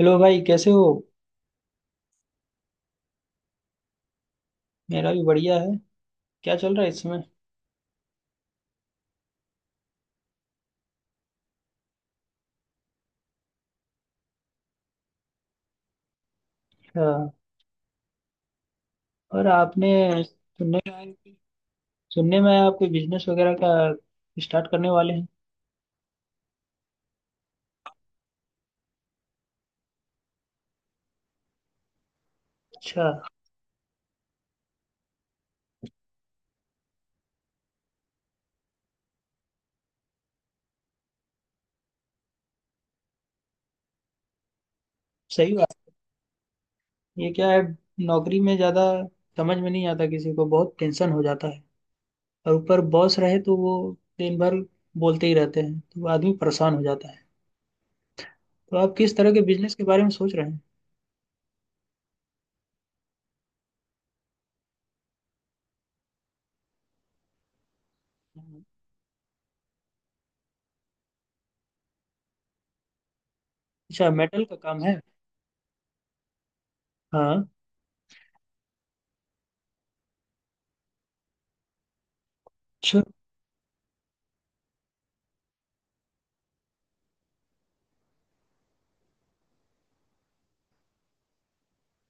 Hello भाई कैसे हो। मेरा भी बढ़िया है। क्या चल रहा है इस समय। हाँ, और आपने सुनने में आया। सुनने में आया आपको बिजनेस वगैरह का स्टार्ट करने वाले हैं। अच्छा। सही बात है। ये क्या है नौकरी में ज़्यादा समझ में नहीं आता, किसी को बहुत टेंशन हो जाता है। और ऊपर बॉस रहे तो वो दिन भर बोलते ही रहते हैं तो आदमी परेशान हो जाता है। तो आप किस तरह के बिजनेस के बारे में सोच रहे हैं। अच्छा, मेटल का काम है। हाँ।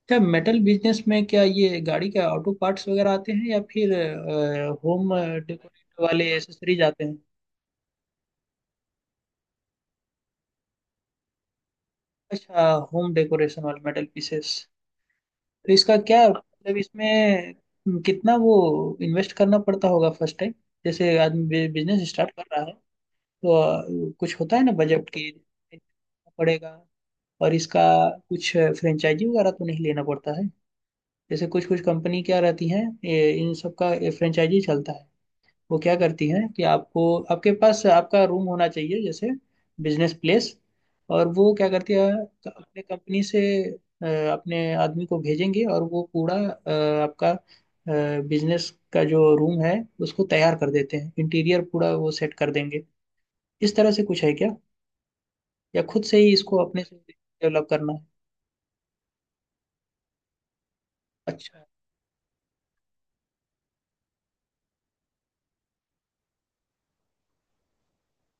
क्या मेटल बिजनेस में क्या ये गाड़ी के ऑटो पार्ट्स वगैरह आते हैं या फिर होम डेकोरेट वाले एसेसरीज आते हैं। अच्छा, होम डेकोरेशन वाले मेटल पीसेस। तो इसका क्या मतलब इसमें। कितना वो इन्वेस्ट करना पड़ता होगा फर्स्ट टाइम, जैसे आदमी बिजनेस स्टार्ट कर रहा है। तो कुछ होता है ना बजट की। पड़ेगा। और इसका कुछ फ्रेंचाइजी वगैरह तो नहीं लेना पड़ता है, जैसे कुछ कुछ कंपनी क्या रहती हैं ये इन सब का फ्रेंचाइजी चलता है। वो क्या करती हैं कि आपको, आपके पास आपका रूम होना चाहिए, जैसे बिजनेस प्लेस। और वो क्या करती है अपने कंपनी से अ, अपने आदमी को भेजेंगे, और वो पूरा आपका बिजनेस का जो रूम है उसको तैयार कर देते हैं, इंटीरियर पूरा वो सेट कर देंगे। इस तरह से कुछ है क्या, या खुद से ही इसको अपने से डेवलप करना है। अच्छा।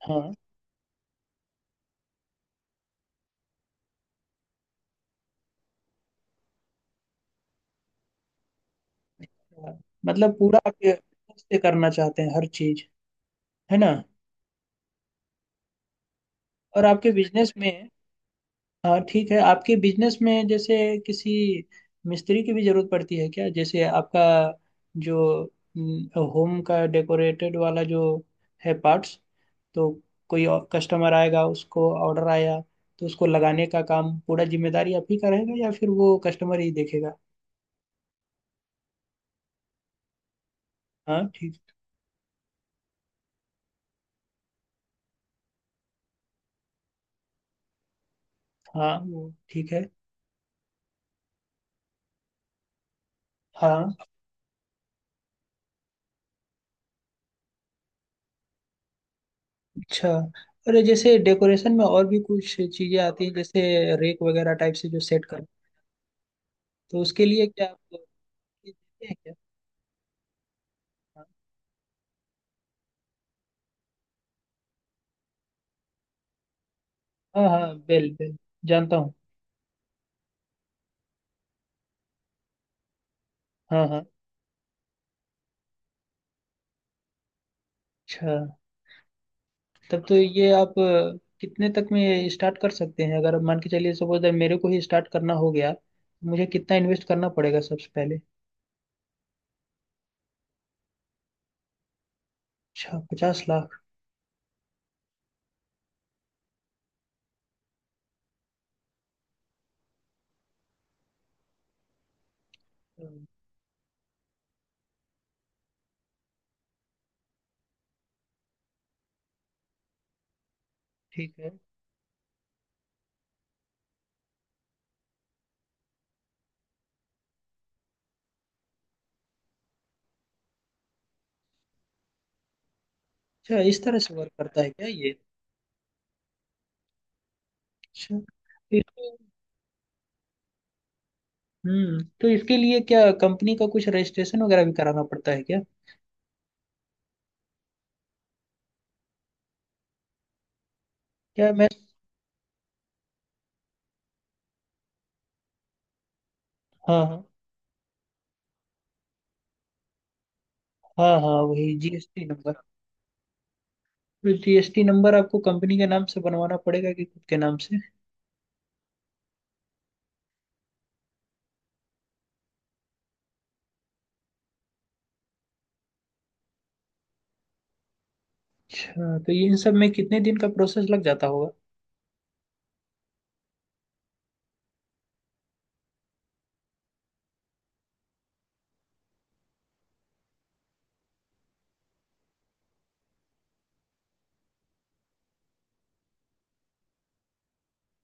हाँ हाँ। मतलब पूरा आपके खुद से करना चाहते हैं हर चीज, है ना। और आपके बिजनेस में, हाँ ठीक है, आपके बिजनेस में जैसे किसी मिस्त्री की भी जरूरत पड़ती है क्या, जैसे आपका जो होम का डेकोरेटेड वाला जो है पार्ट्स, तो कोई कस्टमर आएगा उसको ऑर्डर आया तो उसको लगाने का काम पूरा जिम्मेदारी आप ही का रहेगा या फिर वो कस्टमर ही देखेगा। हाँ ठीक। हाँ वो ठीक है। हाँ। अच्छा। अरे जैसे डेकोरेशन में और भी कुछ चीजें आती हैं, जैसे रेक वगैरह टाइप से जो सेट कर, तो उसके लिए क्या आप देते हैं क्या। हाँ। हाँ हाँ बेल बेल जानता हूँ। हाँ हाँ। अच्छा, तब तो ये आप कितने तक में स्टार्ट कर सकते हैं, अगर मान के चलिए सपोज दैट मेरे को ही स्टार्ट करना हो गया तो मुझे कितना इन्वेस्ट करना पड़ेगा सबसे पहले। अच्छा, 50 लाख। अ, ठीक है। अच्छा, इस तरह से वर्क करता है क्या ये। अच्छा तो इसको। हम्म, तो इसके लिए क्या कंपनी का कुछ रजिस्ट्रेशन वगैरह भी कराना पड़ता है क्या। क्या मैं। हाँ हाँ। हाँ हाँ, वही जीएसटी नंबर। तो जीएसटी नंबर आपको कंपनी के नाम से बनवाना पड़ेगा कि खुद के नाम से। अच्छा, तो ये इन सब में कितने दिन का प्रोसेस लग जाता होगा।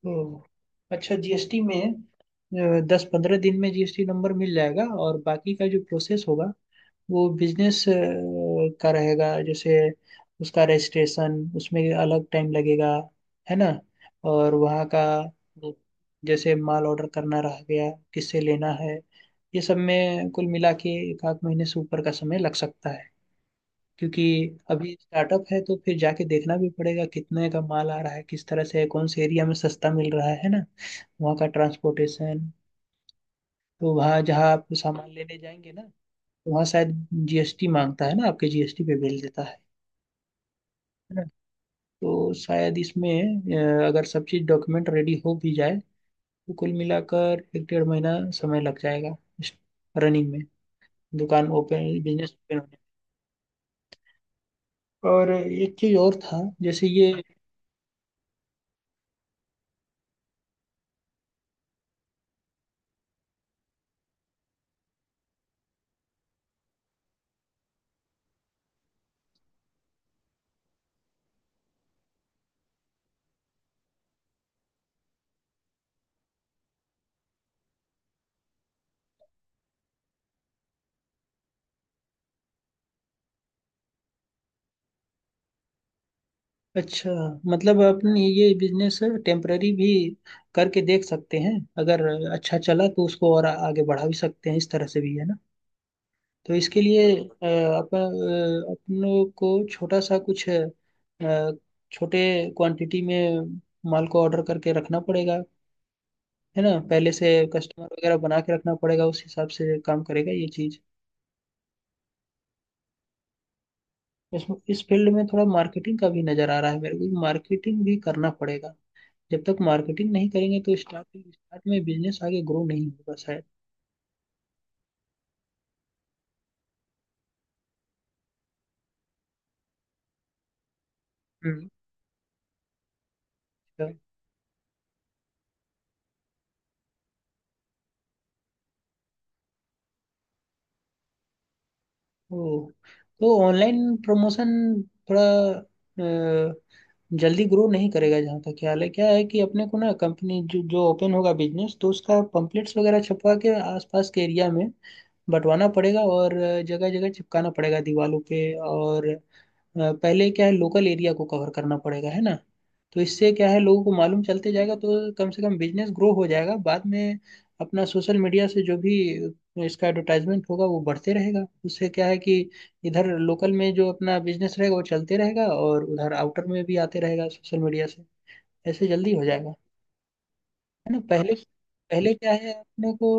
हम्म। अच्छा, जीएसटी में 10 15 दिन में जीएसटी नंबर मिल जाएगा, और बाकी का जो प्रोसेस होगा वो बिजनेस का रहेगा, जैसे उसका रजिस्ट्रेशन उसमें अलग टाइम लगेगा, है ना। और वहाँ का जैसे माल ऑर्डर करना रह गया किससे लेना है, ये सब में कुल मिला के एक आध महीने से ऊपर का समय लग सकता है, क्योंकि अभी स्टार्टअप है तो फिर जाके देखना भी पड़ेगा कितने का माल आ रहा है, किस तरह से है, कौन से एरिया में सस्ता मिल रहा है ना। वहाँ का ट्रांसपोर्टेशन, तो वहाँ जहाँ आप सामान लेने जाएंगे ना, तो वहाँ शायद जीएसटी मांगता है ना, आपके जीएसटी पे बिल देता है ना। तो शायद इसमें अगर सब चीज़ डॉक्यूमेंट रेडी हो भी जाए तो कुल मिलाकर एक डेढ़ महीना समय लग जाएगा रनिंग में, दुकान ओपन, बिजनेस ओपन होने में। और एक चीज़ और था जैसे ये। अच्छा, मतलब अपन ये बिजनेस टेम्पररी भी करके देख सकते हैं, अगर अच्छा चला तो उसको और आगे बढ़ा भी सकते हैं, इस तरह से भी, है ना। तो इसके लिए अपन अपनों को छोटा सा कुछ छोटे क्वांटिटी में माल को ऑर्डर करके रखना पड़ेगा, है ना, पहले से कस्टमर वगैरह बना के रखना पड़ेगा, उस हिसाब से काम करेगा ये चीज। इस इस फील्ड में थोड़ा मार्केटिंग का भी नजर आ रहा है मेरे को, मार्केटिंग भी करना पड़ेगा। जब तक मार्केटिंग नहीं करेंगे तो स्टार्ट स्टार्ट में बिजनेस आगे ग्रो नहीं होगा शायद। हम्म। अच्छा। ओ, तो ऑनलाइन प्रमोशन थोड़ा अ, जल्दी ग्रो नहीं करेगा जहाँ तक ख्याल है। क्या है कि अपने को ना कंपनी जो जो ओपन होगा बिजनेस, तो उसका पम्पलेट्स वगैरह छपवा के आसपास के एरिया में बंटवाना पड़ेगा, और जगह जगह चिपकाना पड़ेगा दीवारों पे। और पहले क्या है लोकल एरिया को कवर करना पड़ेगा, है ना। तो इससे क्या है लोगों को मालूम चलते जाएगा, तो कम से कम बिजनेस ग्रो हो जाएगा। बाद में अपना सोशल मीडिया से जो भी इसका एडवर्टाइजमेंट होगा वो बढ़ते रहेगा, उससे क्या है कि इधर लोकल में जो अपना बिजनेस रहेगा वो चलते रहेगा, और उधर आउटर में भी आते रहेगा सोशल मीडिया से, ऐसे जल्दी हो जाएगा। है ना, पहले पहले क्या है अपने को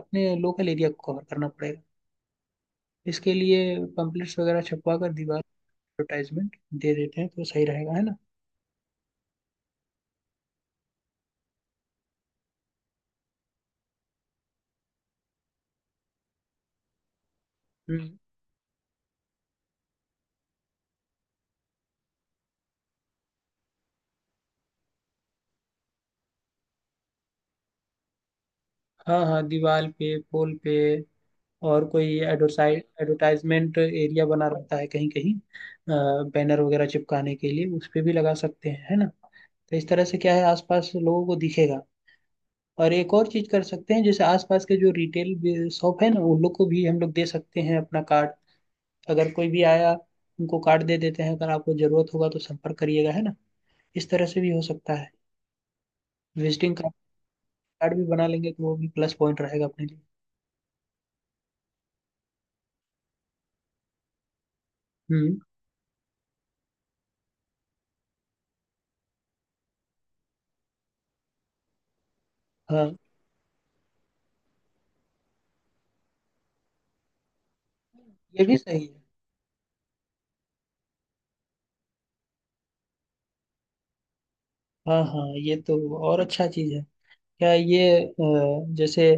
अपने लोकल एरिया को कवर करना पड़ेगा, इसके लिए पम्पलेट्स वगैरह छपवा कर दीवार एडवर्टाइजमेंट दे देते हैं तो सही रहेगा, है ना। हम्म, हाँ हाँ, दीवार पे, पोल पे, और कोई एडवर्टाइजमेंट एरिया बना रहता है कहीं कहीं बैनर वगैरह चिपकाने के लिए, उस पे भी लगा सकते हैं, है ना। तो इस तरह से क्या है आसपास लोगों को दिखेगा। और एक और चीज कर सकते हैं, जैसे आसपास के जो रिटेल शॉप है ना, उन लोग को भी हम लोग दे सकते हैं अपना कार्ड, अगर कोई भी आया उनको कार्ड दे देते हैं, अगर आपको जरूरत होगा तो संपर्क करिएगा, है ना, इस तरह से भी हो सकता है। विजिटिंग कार्ड भी बना लेंगे तो वो भी प्लस पॉइंट रहेगा अपने लिए। हम्म। हाँ, ये भी सही है। हाँ हाँ, ये तो और अच्छा चीज है क्या ये। जैसे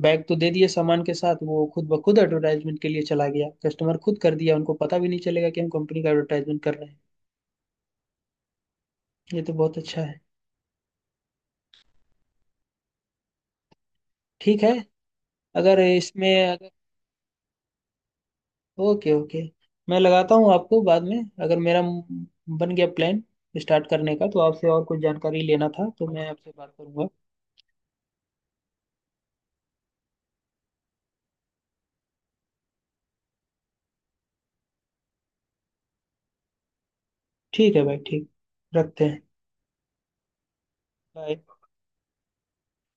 बैग तो दे दिए सामान के साथ, वो खुद ब खुद एडवर्टाइजमेंट के लिए चला गया, कस्टमर खुद कर दिया, उनको पता भी नहीं चलेगा कि हम कंपनी का एडवर्टाइजमेंट कर रहे हैं। ये तो बहुत अच्छा है। ठीक है। अगर इसमें अगर, ओके ओके, मैं लगाता हूँ आपको बाद में। अगर मेरा बन गया प्लान स्टार्ट करने का तो आपसे और कुछ जानकारी लेना था तो मैं आपसे बात करूंगा। ठीक है भाई, ठीक, रखते हैं। बाय।